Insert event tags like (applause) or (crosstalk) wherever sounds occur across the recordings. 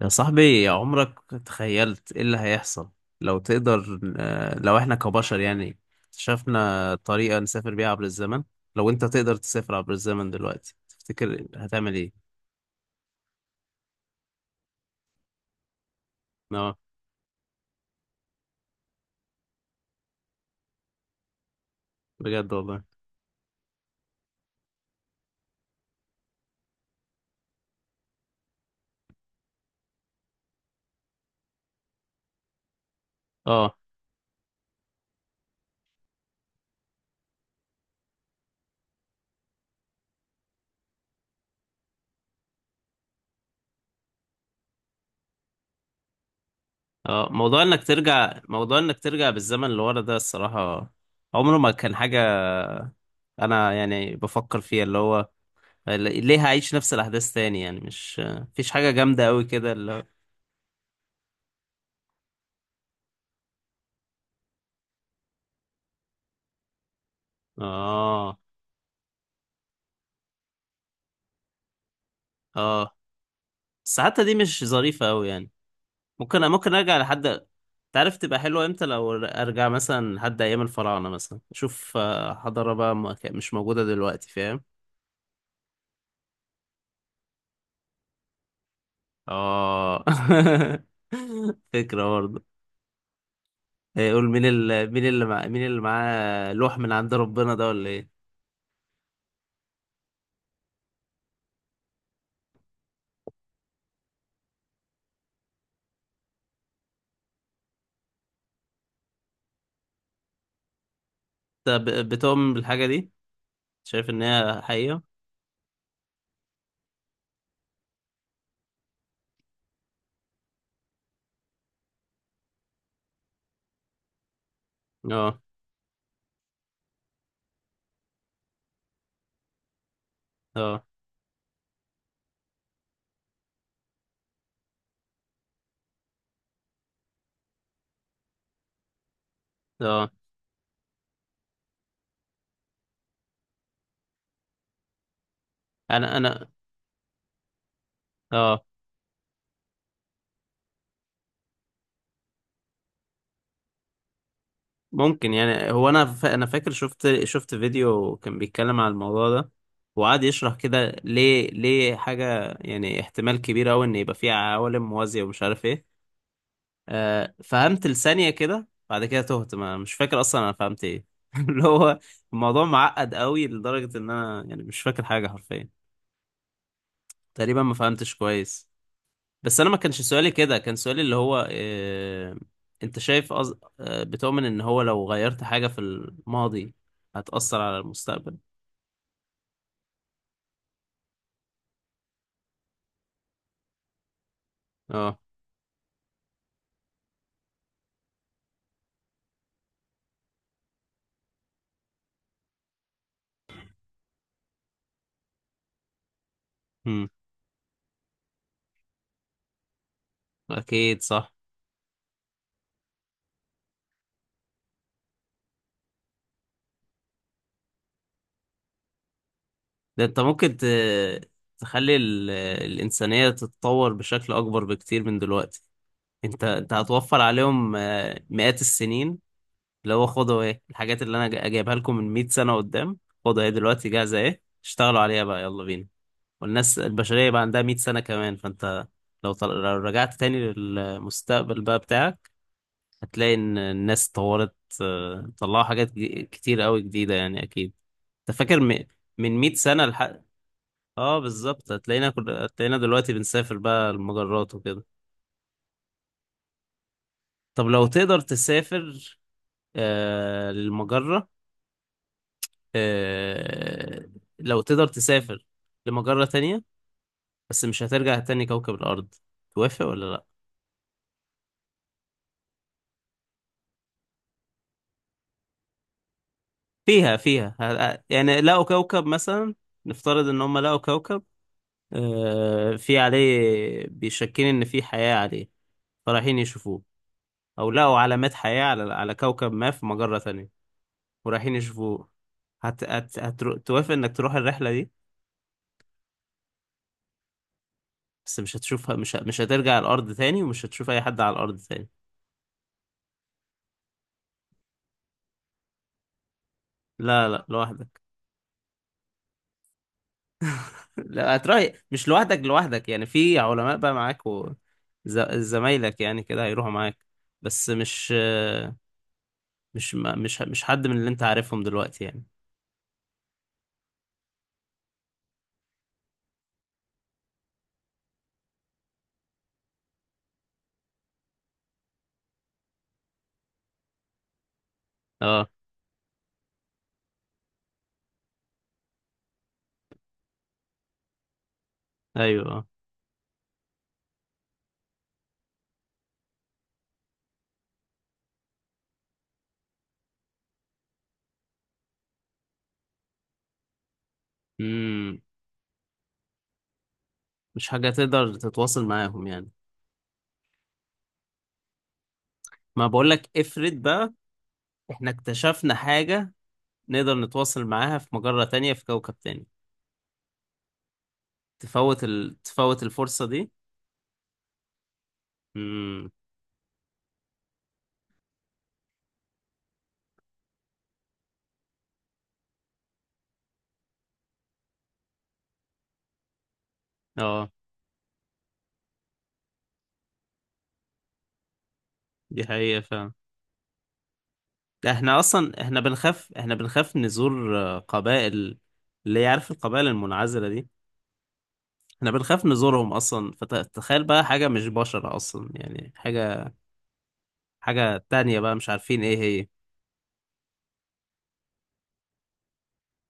يا صاحبي، عمرك تخيلت ايه اللي هيحصل؟ لو تقدر آه، لو احنا كبشر يعني شفنا طريقة نسافر بيها عبر الزمن. لو انت تقدر تسافر عبر الزمن دلوقتي، تفتكر هتعمل ايه؟ اه، بجد والله. اه، اه. موضوع انك ترجع بالزمن لورا ده الصراحة عمره ما كان حاجة. انا يعني بفكر فيها، اللي هو ليه هعيش نفس الاحداث تاني؟ يعني مش مفيش حاجة جامدة قوي كده اللي هو. اه، اه. بس حتى دي مش ظريفة قوي يعني. ممكن ارجع لحد. تعرف تبقى حلوة امتى؟ لو ارجع مثلا لحد ايام الفراعنة، مثلا اشوف حضارة بقى ما كا- مش موجودة دلوقتي، فاهم. اه. (laughs) فكرة برضه. يقول مين اللي معاه لوح من عند ربنا ده ولا ايه؟ انت بتؤمن بالحاجة دي؟ شايف ان هي حقيقة؟ اه، اه، اه. انا اه. ممكن، يعني هو انا فاكر شفت فيديو كان بيتكلم على الموضوع ده، وقعد يشرح كده ليه حاجه، يعني احتمال كبير قوي ان يبقى فيه عوالم موازيه ومش عارف ايه. فهمت لثانيه كده، بعد كده تهت، ما مش فاكر اصلا انا فهمت ايه. (laughs) اللي هو الموضوع معقد قوي لدرجه ان انا يعني مش فاكر حاجه حرفيا. تقريبا ما فهمتش كويس. بس انا ما كانش سؤالي كده، كان سؤالي اللي هو انت شايف أز... آه، بتؤمن ان هو لو غيرت حاجة في الماضي هتأثر على المستقبل؟ اه. امم. اكيد صح. ده انت ممكن تخلي الإنسانية تتطور بشكل اكبر بكتير من دلوقتي. انت هتوفر عليهم مئات السنين، اللي هو خدوا ايه الحاجات اللي انا جايبها لكم من 100 سنة قدام. خدوا ايه دلوقتي جاهزة، ايه اشتغلوا عليها بقى، يلا بينا. والناس البشرية بقى عندها 100 سنة كمان، فأنت لو رجعت تاني للمستقبل بقى بتاعك، هتلاقي إن الناس طورت، طلعوا حاجات كتير قوي جديدة يعني أكيد. أنت فاكر من 100 سنة لح... آه بالظبط، هتلاقينا دلوقتي بنسافر بقى المجرات وكده. طب لو تقدر تسافر للمجرة، آه... لو تقدر تسافر لمجرة تانية، بس مش هترجع تاني كوكب الأرض. توافق ولا لأ؟ فيها يعني لقوا كوكب مثلا. نفترض ان هم لقوا كوكب في عليه بيشكين ان في حياة عليه، فرايحين يشوفوه. او لقوا علامات حياة على كوكب ما في مجرة تانية، ورايحين يشوفوه. توافق انك تروح الرحلة دي، بس مش هتشوفها، مش هترجع الارض تاني ومش هتشوف اي حد على الارض تاني؟ لا، لا، لوحدك. (laughs) لا، هتروح مش لوحدك. لوحدك يعني في علماء بقى معاك زمايلك يعني كده هيروحوا معاك، بس مش مش ما مش مش حد من اللي انت عارفهم دلوقتي يعني. اه، ايوه، اه، امم. مش حاجة تقدر تتواصل معاهم يعني. ما بقولك افرض بقى احنا اكتشفنا حاجة نقدر نتواصل معاها في مجرة تانية في كوكب تاني، تفوت الفرصة دي؟ امم. اه، دي حقيقة فعلا. احنا بنخاف نزور قبائل. اللي يعرف القبائل المنعزلة دي احنا بنخاف نزورهم اصلا، فتخيل بقى حاجة مش بشر اصلا، يعني حاجة تانية بقى مش عارفين ايه هي.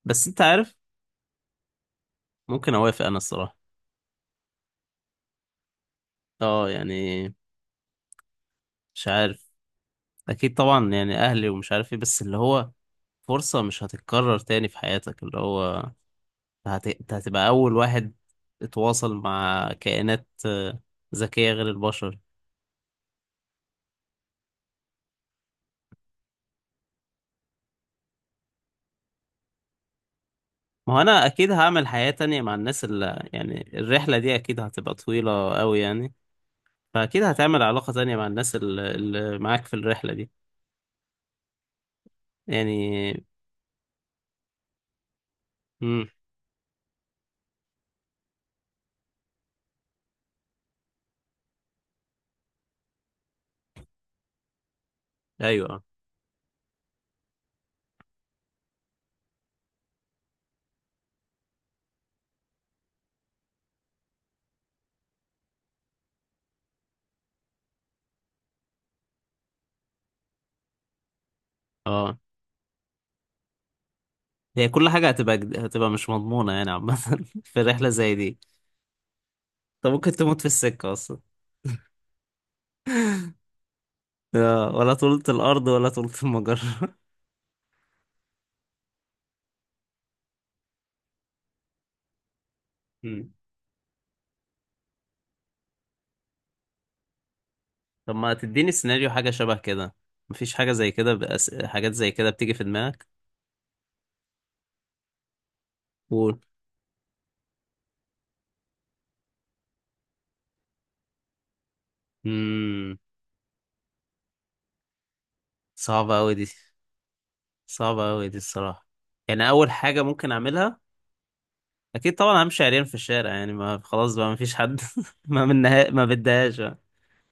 بس انت عارف، ممكن اوافق انا الصراحة. اه يعني، مش عارف. اكيد طبعا يعني اهلي ومش عارف ايه، بس اللي هو فرصة مش هتتكرر تاني في حياتك، اللي هو انت هتبقى اول واحد اتواصل مع كائنات ذكية غير البشر. ما هو انا اكيد هعمل حياة تانية مع الناس اللي يعني الرحلة دي اكيد هتبقى طويلة قوي يعني. فاكيد هتعمل علاقة تانية مع الناس اللي معاك في الرحلة دي يعني. امم. ايوه، اه. هي كل حاجة هتبقى هتبقى مش مضمونة يعني عامة، (laughs) في رحلة زي دي. طب ممكن تموت في السكة أصلا، ولا طولة الأرض ولا طولة المجرة. (laughs) مم. طب ما تديني سيناريو حاجة شبه كده؟ مفيش حاجة زي كده حاجات زي كده بتيجي في دماغك؟ قول. مم. صعبة أوي دي صعبة أوي دي الصراحة. يعني أول حاجة ممكن أعملها أكيد طبعا همشي عريان في الشارع، يعني ما خلاص بقى مفيش حد. (laughs) ما منها ما بدهاش.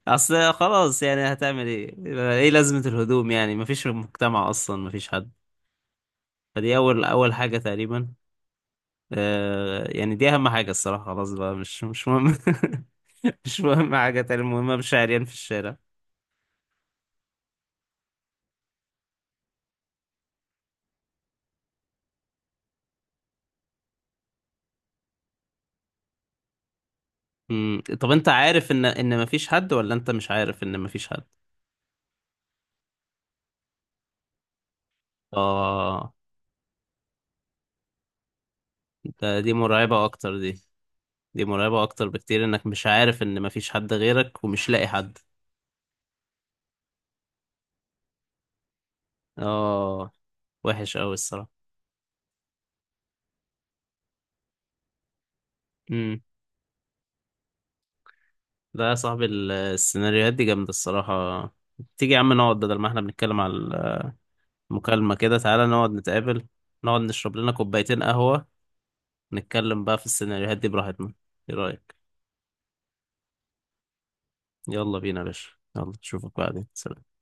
اصل خلاص يعني هتعمل ايه؟ ايه لازمة الهدوم يعني، مفيش مجتمع اصلا، مفيش حد. فدي اول اول حاجة تقريبا، يعني دي اهم حاجة الصراحة. خلاص بقى مش مهم. (laughs) مش مهم حاجة تانية، المهم مش عريان في الشارع. مم. طب انت عارف ان مفيش حد، ولا انت مش عارف ان مفيش حد؟ اه، دي مرعبة اكتر دي. دي مرعبة اكتر بكتير انك مش عارف ان مفيش حد غيرك ومش لاقي حد. اه، وحش قوي الصراحة. لا يا صاحبي، السيناريوهات دي جامدة الصراحة. تيجي يا عم نقعد، بدل ما احنا بنتكلم على المكالمة كده تعالى نقعد نتقابل، نقعد نشرب لنا كوبايتين قهوة، نتكلم بقى في السيناريوهات دي براحتنا. ايه رأيك؟ يلا بينا يا باشا. يلا اشوفك بعدين، سلام.